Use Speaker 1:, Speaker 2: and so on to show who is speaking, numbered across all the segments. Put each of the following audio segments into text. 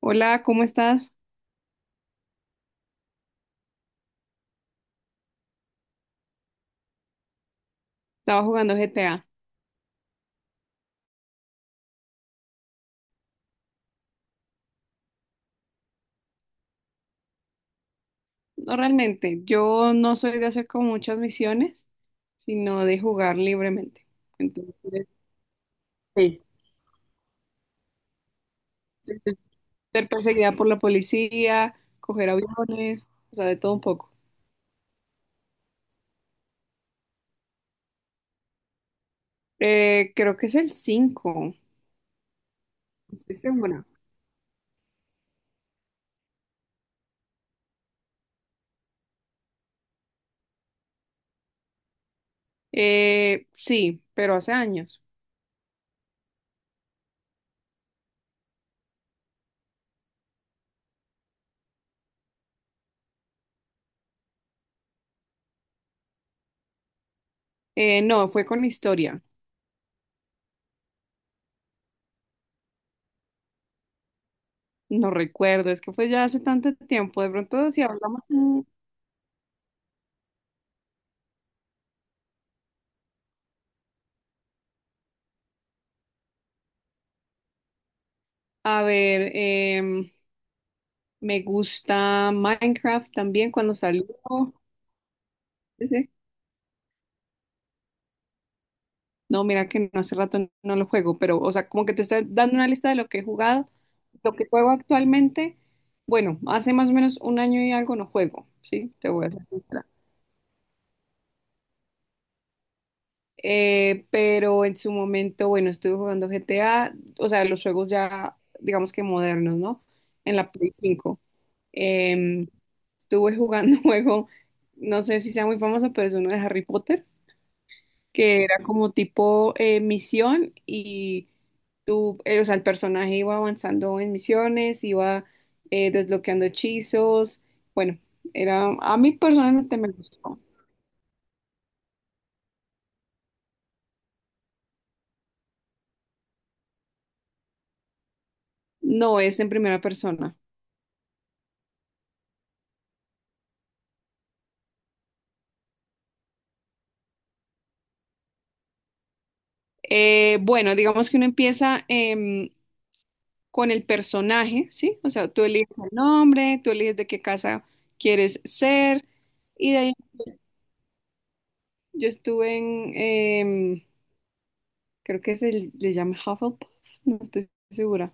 Speaker 1: Hola, ¿cómo estás? Estaba jugando GTA. No realmente, yo no soy de hacer como muchas misiones, sino de jugar libremente. Entonces, sí. Sí, ser perseguida por la policía, coger aviones, o sea, de todo un poco. Creo que es el 5. No estoy segura. Sí, pero hace años. No, fue con historia. No recuerdo, es que fue ya hace tanto tiempo. De pronto, si hablamos, a ver, em, me gusta Minecraft también cuando salió. Ese. No, mira que no, hace rato no lo juego, pero, o sea, como que te estoy dando una lista de lo que he jugado, lo que juego actualmente. Bueno, hace más o menos un año y algo no juego, ¿sí? Te voy a ser sincera. Pero en su momento, bueno, estuve jugando GTA, o sea, los juegos ya, digamos que modernos, ¿no? En la Play cinco. Em, Estuve jugando un juego, no sé si sea muy famoso, pero es uno de Harry Potter, que era como tipo misión y tú, o sea, el personaje iba avanzando en misiones, iba desbloqueando hechizos. Bueno, era, a mí personalmente me gustó. No es en primera persona. Bueno, digamos que uno empieza con el personaje, ¿sí? O sea, tú eliges el nombre, tú eliges de qué casa quieres ser, y de ahí yo estuve en, em, creo que se le llama Hufflepuff, no estoy segura.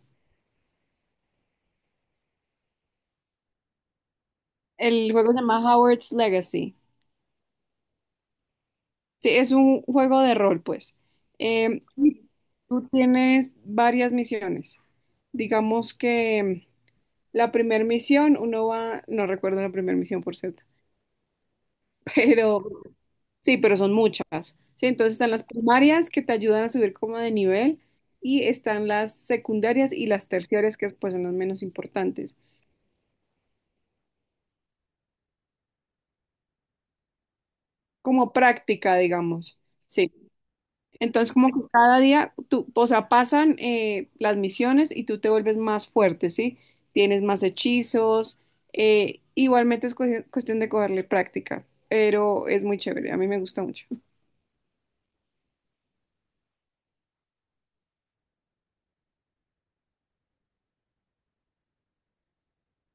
Speaker 1: El juego se llama Howard's Legacy. Sí, es un juego de rol, pues. Y tú tienes varias misiones. Digamos que la primera misión, uno va, no recuerdo la primera misión, por cierto, pero sí, pero son muchas. Sí, entonces están las primarias que te ayudan a subir como de nivel y están las secundarias y las terciarias, que pues son las menos importantes, como práctica, digamos. Sí. Entonces, como que cada día, tú, o sea, pasan las misiones y tú te vuelves más fuerte, ¿sí? Tienes más hechizos. Igualmente es cuestión de cogerle práctica, pero es muy chévere. A mí me gusta mucho.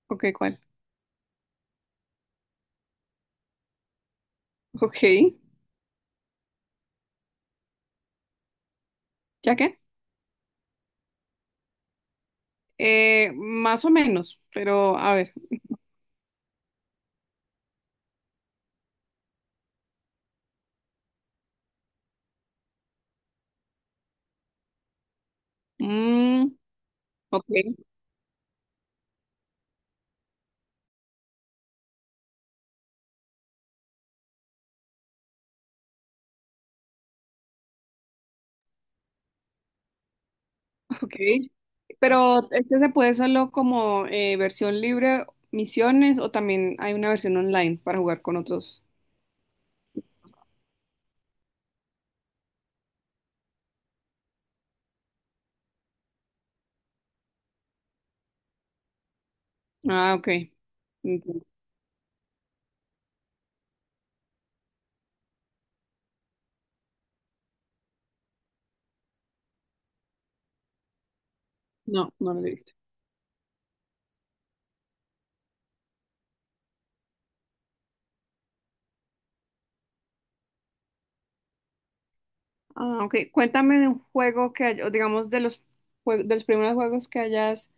Speaker 1: Ok, ¿cuál? Ok, ¿ya qué? Más o menos, pero a ver. Mm, ok, ok. Pero este se puede solo como versión libre, misiones, o también hay una versión online para jugar con otros. Ah, ok. No, no lo he visto. Ah, ok. Cuéntame de un juego que, o digamos, de los, de los primeros juegos que hayas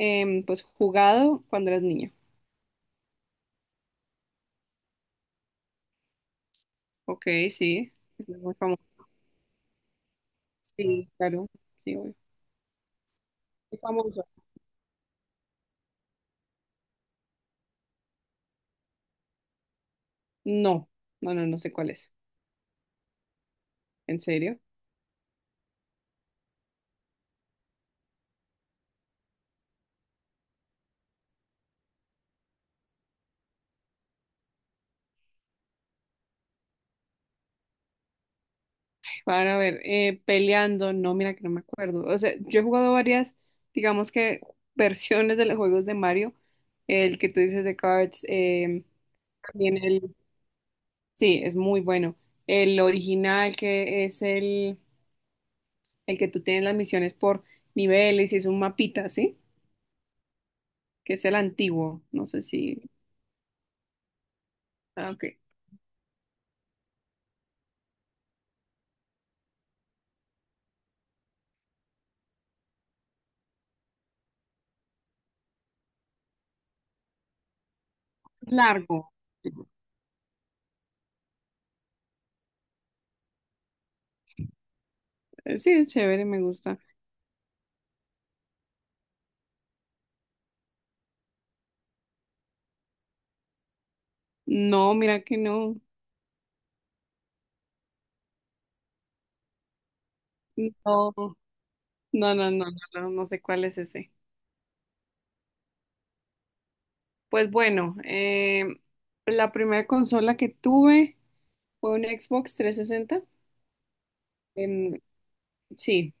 Speaker 1: pues jugado cuando eras niño. Ok, sí. Es muy famoso. Sí, claro. Sí, obvio. Es famoso. No, no, no, no, sé cuál es ¿En serio? Para ver, peleando, no, mira que no me acuerdo. O sea, yo he jugado varias, digamos que versiones de los juegos de Mario. El que tú dices de Cards, también el. Sí, es muy bueno. El original, que es el que tú tienes las misiones por niveles y es un mapita, ¿sí? Que es el antiguo. No sé si... Ah, ok. Largo. Sí, es chévere, me gusta. No, mira que no. No, no, no sé cuál es ese. Pues bueno, la primera consola que tuve fue un Xbox 360. Em, sí,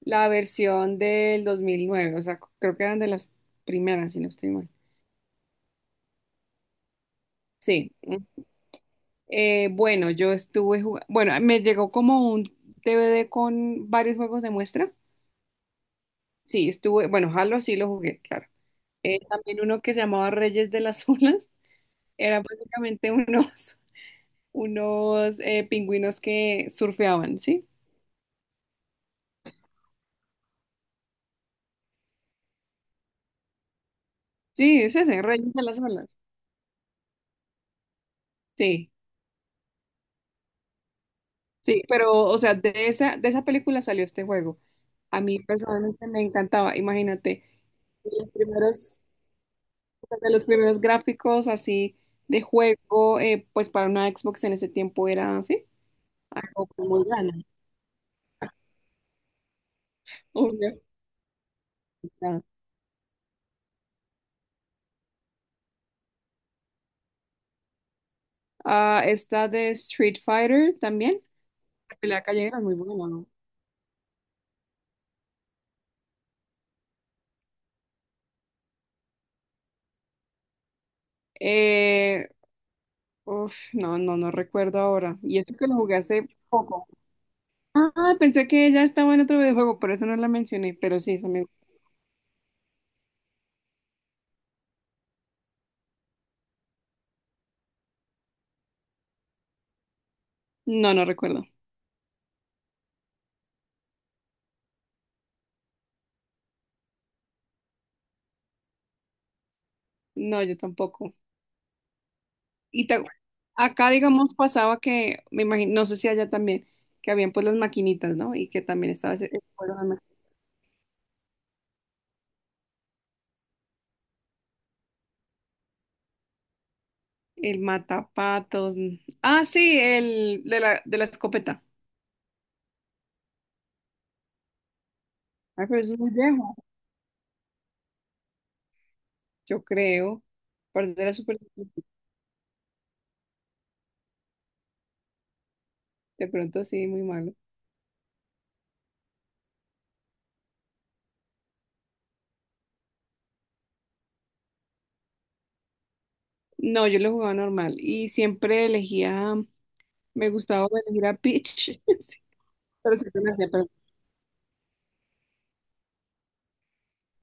Speaker 1: la versión del 2009, o sea, creo que eran de las primeras, si no estoy mal. Sí. Mm. Bueno, yo estuve jugando, bueno, me llegó como un DVD con varios juegos de muestra. Sí, estuve, bueno, Halo sí lo jugué, claro. También uno que se llamaba Reyes de las Olas, era básicamente unos, unos pingüinos que surfeaban, ¿sí? Sí, es ese, Reyes de las Olas. Sí. Sí, pero, o sea, de esa película salió este juego. A mí personalmente me encantaba, imagínate, de los primeros, de los primeros gráficos así de juego, pues para una Xbox en ese tiempo era así, algo pues muy grande. Obvio. Ah, esta de Street Fighter también, la pelea callejera es muy buena, ¿no? Eh, uf, no, no, no recuerdo ahora. Y eso que lo jugué hace poco. Ah, pensé que ya estaba en otro videojuego, por eso no la mencioné, pero sí, también. No, no recuerdo. No, yo tampoco. Y te- Acá, digamos, pasaba que, me imagino, no sé si allá también, que habían pues las maquinitas, ¿no? Y que también estaba ese, el, juego el matapatos. Mm. Ah, sí, el de la escopeta. Ah, pero eso es muy viejo, yo creo. Aparte era súper difícil. De pronto sí, muy malo. No, yo lo jugaba normal y siempre elegía, me gustaba elegir a Peach, sí, pero siempre me hacía, pero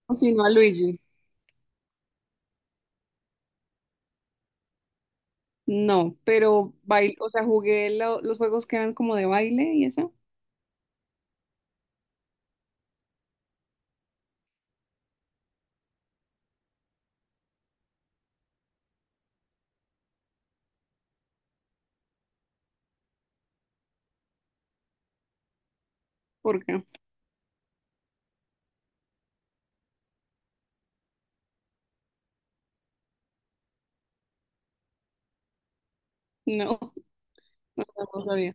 Speaker 1: o si no a Luigi. No, pero bail, o sea, jugué los juegos que eran como de baile y eso, porque no, no, no sabía.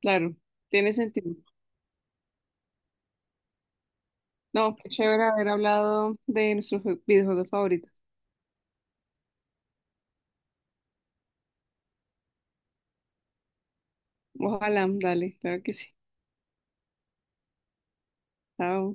Speaker 1: Claro, tiene sentido. No, qué chévere haber hablado de nuestros videojuegos favoritos. Ojalá, dale, claro que sí. Chao.